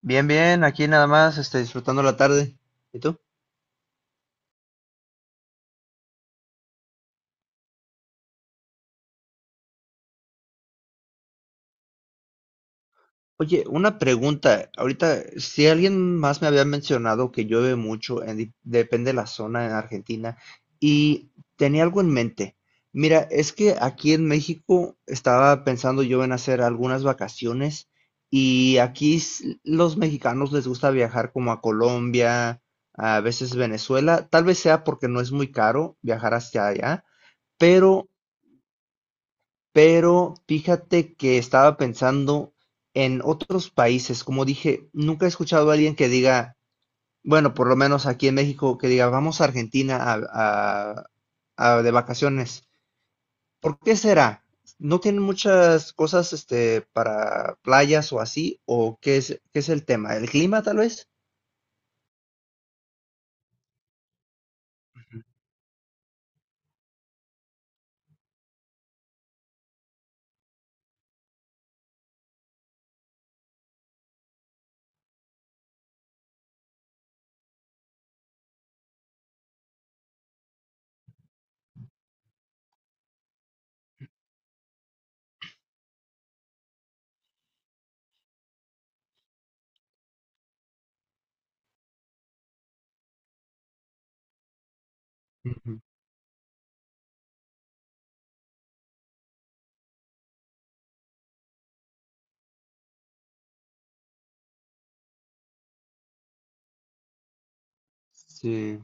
Bien, bien, aquí nada más, disfrutando la tarde. ¿Y tú? Oye, una pregunta. Ahorita, si alguien más me había mencionado que llueve mucho, depende de la zona en Argentina, y tenía algo en mente. Mira, es que aquí en México estaba pensando yo en hacer algunas vacaciones y los mexicanos les gusta viajar como a Colombia, a veces Venezuela. Tal vez sea porque no es muy caro viajar hacia allá, pero... Pero fíjate que estaba pensando en otros países, como dije, nunca he escuchado a alguien que diga, bueno, por lo menos aquí en México, que diga, vamos a Argentina a- de vacaciones. ¿Por qué será? ¿No tienen muchas cosas para playas o así? ¿O qué es el tema? ¿El clima tal vez? Ujú. Sí.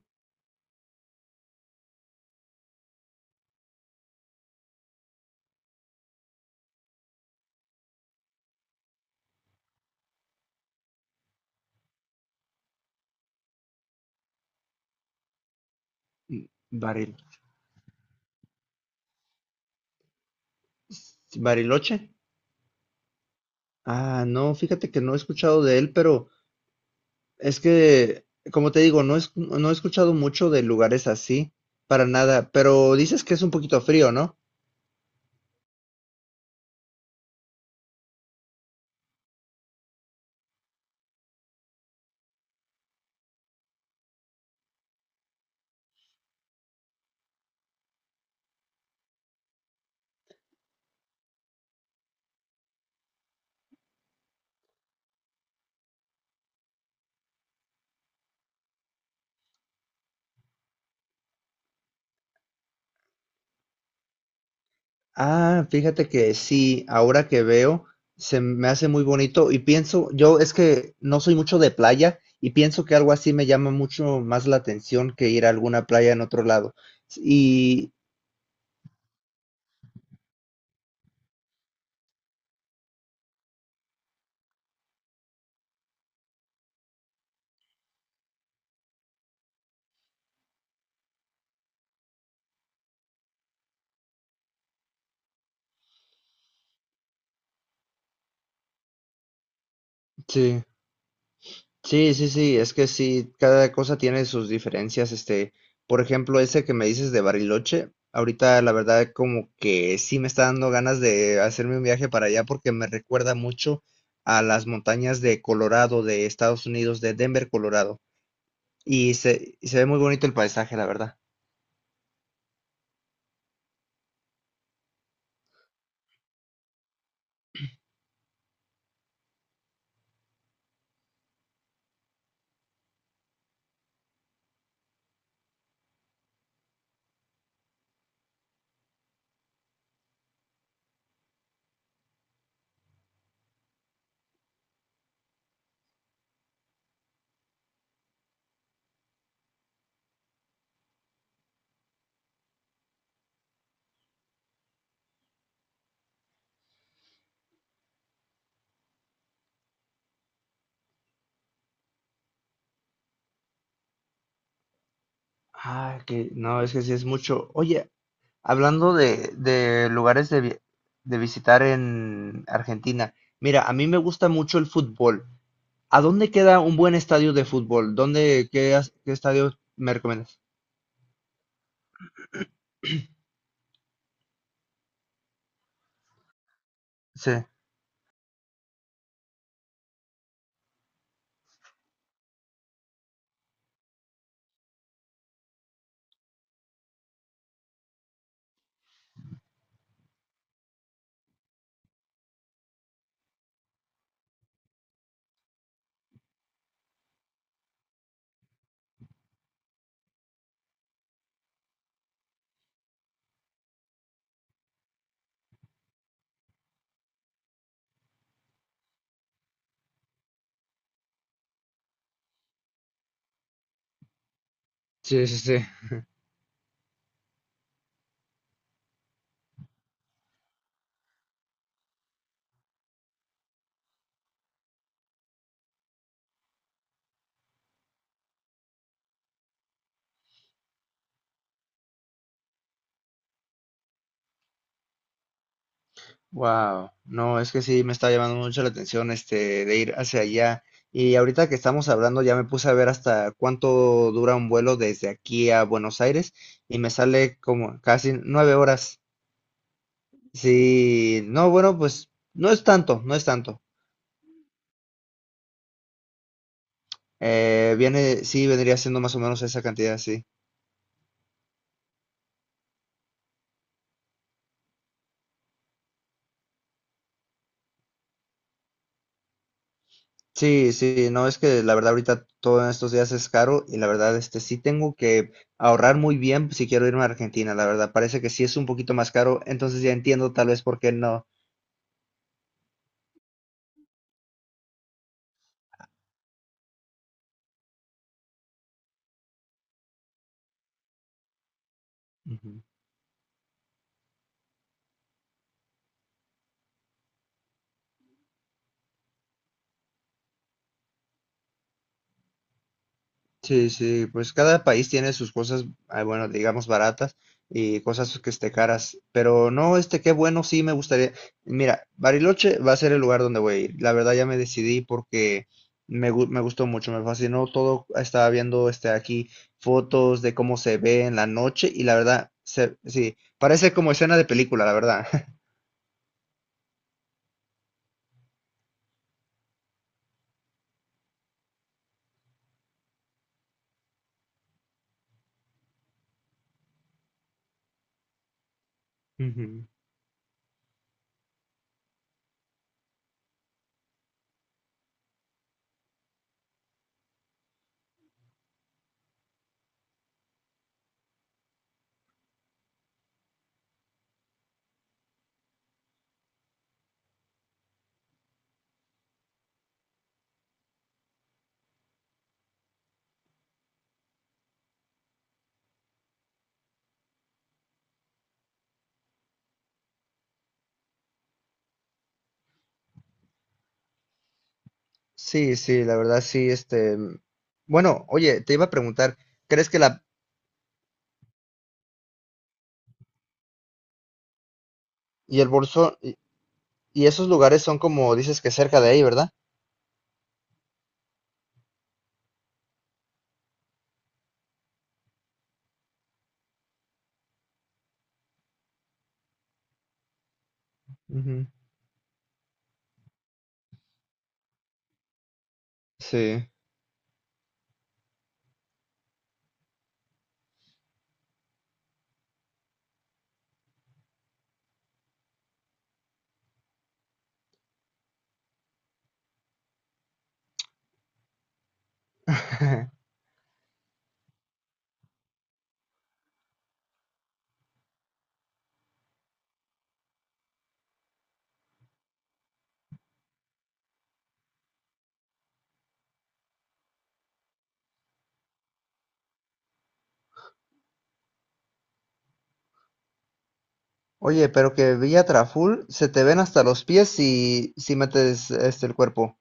Mm, Baril- Bariloche. Ah, no, fíjate que no he escuchado de él, pero... Es que, como te digo, no he escuchado mucho de lugares así, para nada, pero dices que es un poquito frío, ¿no? Ah, fíjate que sí, ahora que veo, se me hace muy bonito y pienso, yo es que no soy mucho de playa y pienso que algo así me llama mucho más la atención que ir a alguna playa en otro lado. Y sí. Sí, sí, sí, es que sí, cada cosa tiene sus diferencias, por ejemplo, ese que me dices de Bariloche, ahorita la verdad como que sí me está dando ganas de hacerme un viaje para allá porque me recuerda mucho a las montañas de Colorado, de Estados Unidos, de Denver, Colorado, y se ve muy bonito el paisaje, la verdad. Ah, que no, es que sí es mucho. Oye, hablando de lugares de visitar en Argentina, mira, a mí me gusta mucho el fútbol. ¿A dónde queda un buen estadio de fútbol? ¿Qué estadio me recomiendas? Sí. Sí, sí, sí. Wow, no, es que sí me está llamando mucho la atención este de ir hacia allá. Y ahorita que estamos hablando, ya me puse a ver hasta cuánto dura un vuelo desde aquí a Buenos Aires y me sale como casi nueve horas. Sí, no, bueno, pues no es tanto, no es tanto. Viene, sí, vendría siendo más o menos esa cantidad, sí. Sí, sí, no, es que la verdad ahorita todo en estos días es caro y la verdad este sí tengo que ahorrar muy bien si quiero irme a Argentina, la verdad parece que sí es un poquito más caro, entonces ya entiendo tal vez por qué no. Ujú. Sí, sí, pues cada país tiene sus cosas, ah, bueno, digamos baratas y cosas que esté caras, pero no, este, qué bueno, sí me gustaría. Mira, Bariloche va a ser el lugar donde voy a ir. La verdad ya me decidí porque me gustó mucho, me fascinó todo. Estaba viendo este aquí fotos de cómo se ve en la noche y la verdad, sí, parece como escena de película, la verdad. Ujú. Sí, sí, la verdad sí, bueno, oye, te iba a preguntar, ¿crees que la y el bolso y esos lugares son como dices que cerca de ahí, ¿verdad? Ujú. Sí. Oye, pero que Villa Traful se te ven hasta los pies si metes este el cuerpo.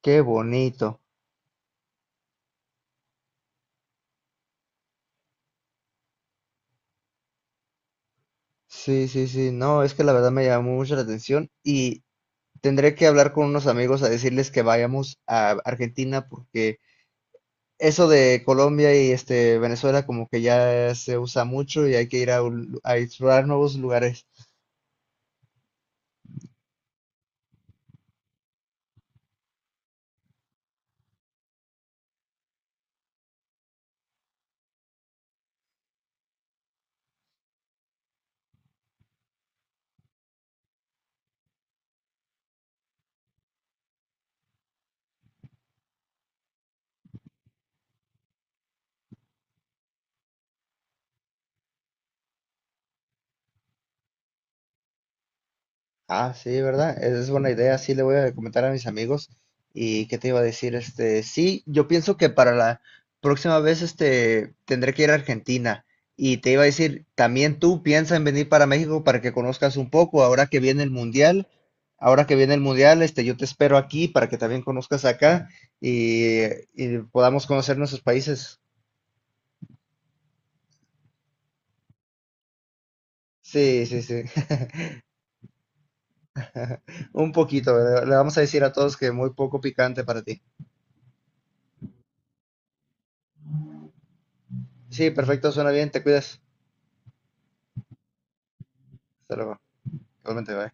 Qué bonito. Sí, sí, sí. No, es que la verdad me llamó mucho la atención y tendré que hablar con unos amigos a decirles que vayamos a Argentina porque eso de Colombia y este Venezuela como que ya se usa mucho y hay que ir a explorar nuevos lugares. Ah, sí, ¿verdad? Esa es buena idea. Sí, le voy a comentar a mis amigos. ¿Y qué te iba a decir? Este, sí, yo pienso que para la próxima vez, este, tendré que ir a Argentina. Y te iba a decir, también tú piensa en venir para México para que conozcas un poco. Ahora que viene el Mundial, este, yo te espero aquí para que también conozcas acá y, y podamos conocer nuestros países. Sí, sí, sí. Un poquito. Le vamos a decir a todos que muy poco picante para ti. Sí, perfecto, suena bien, te cuidas. Hasta luego. Igualmente, bye.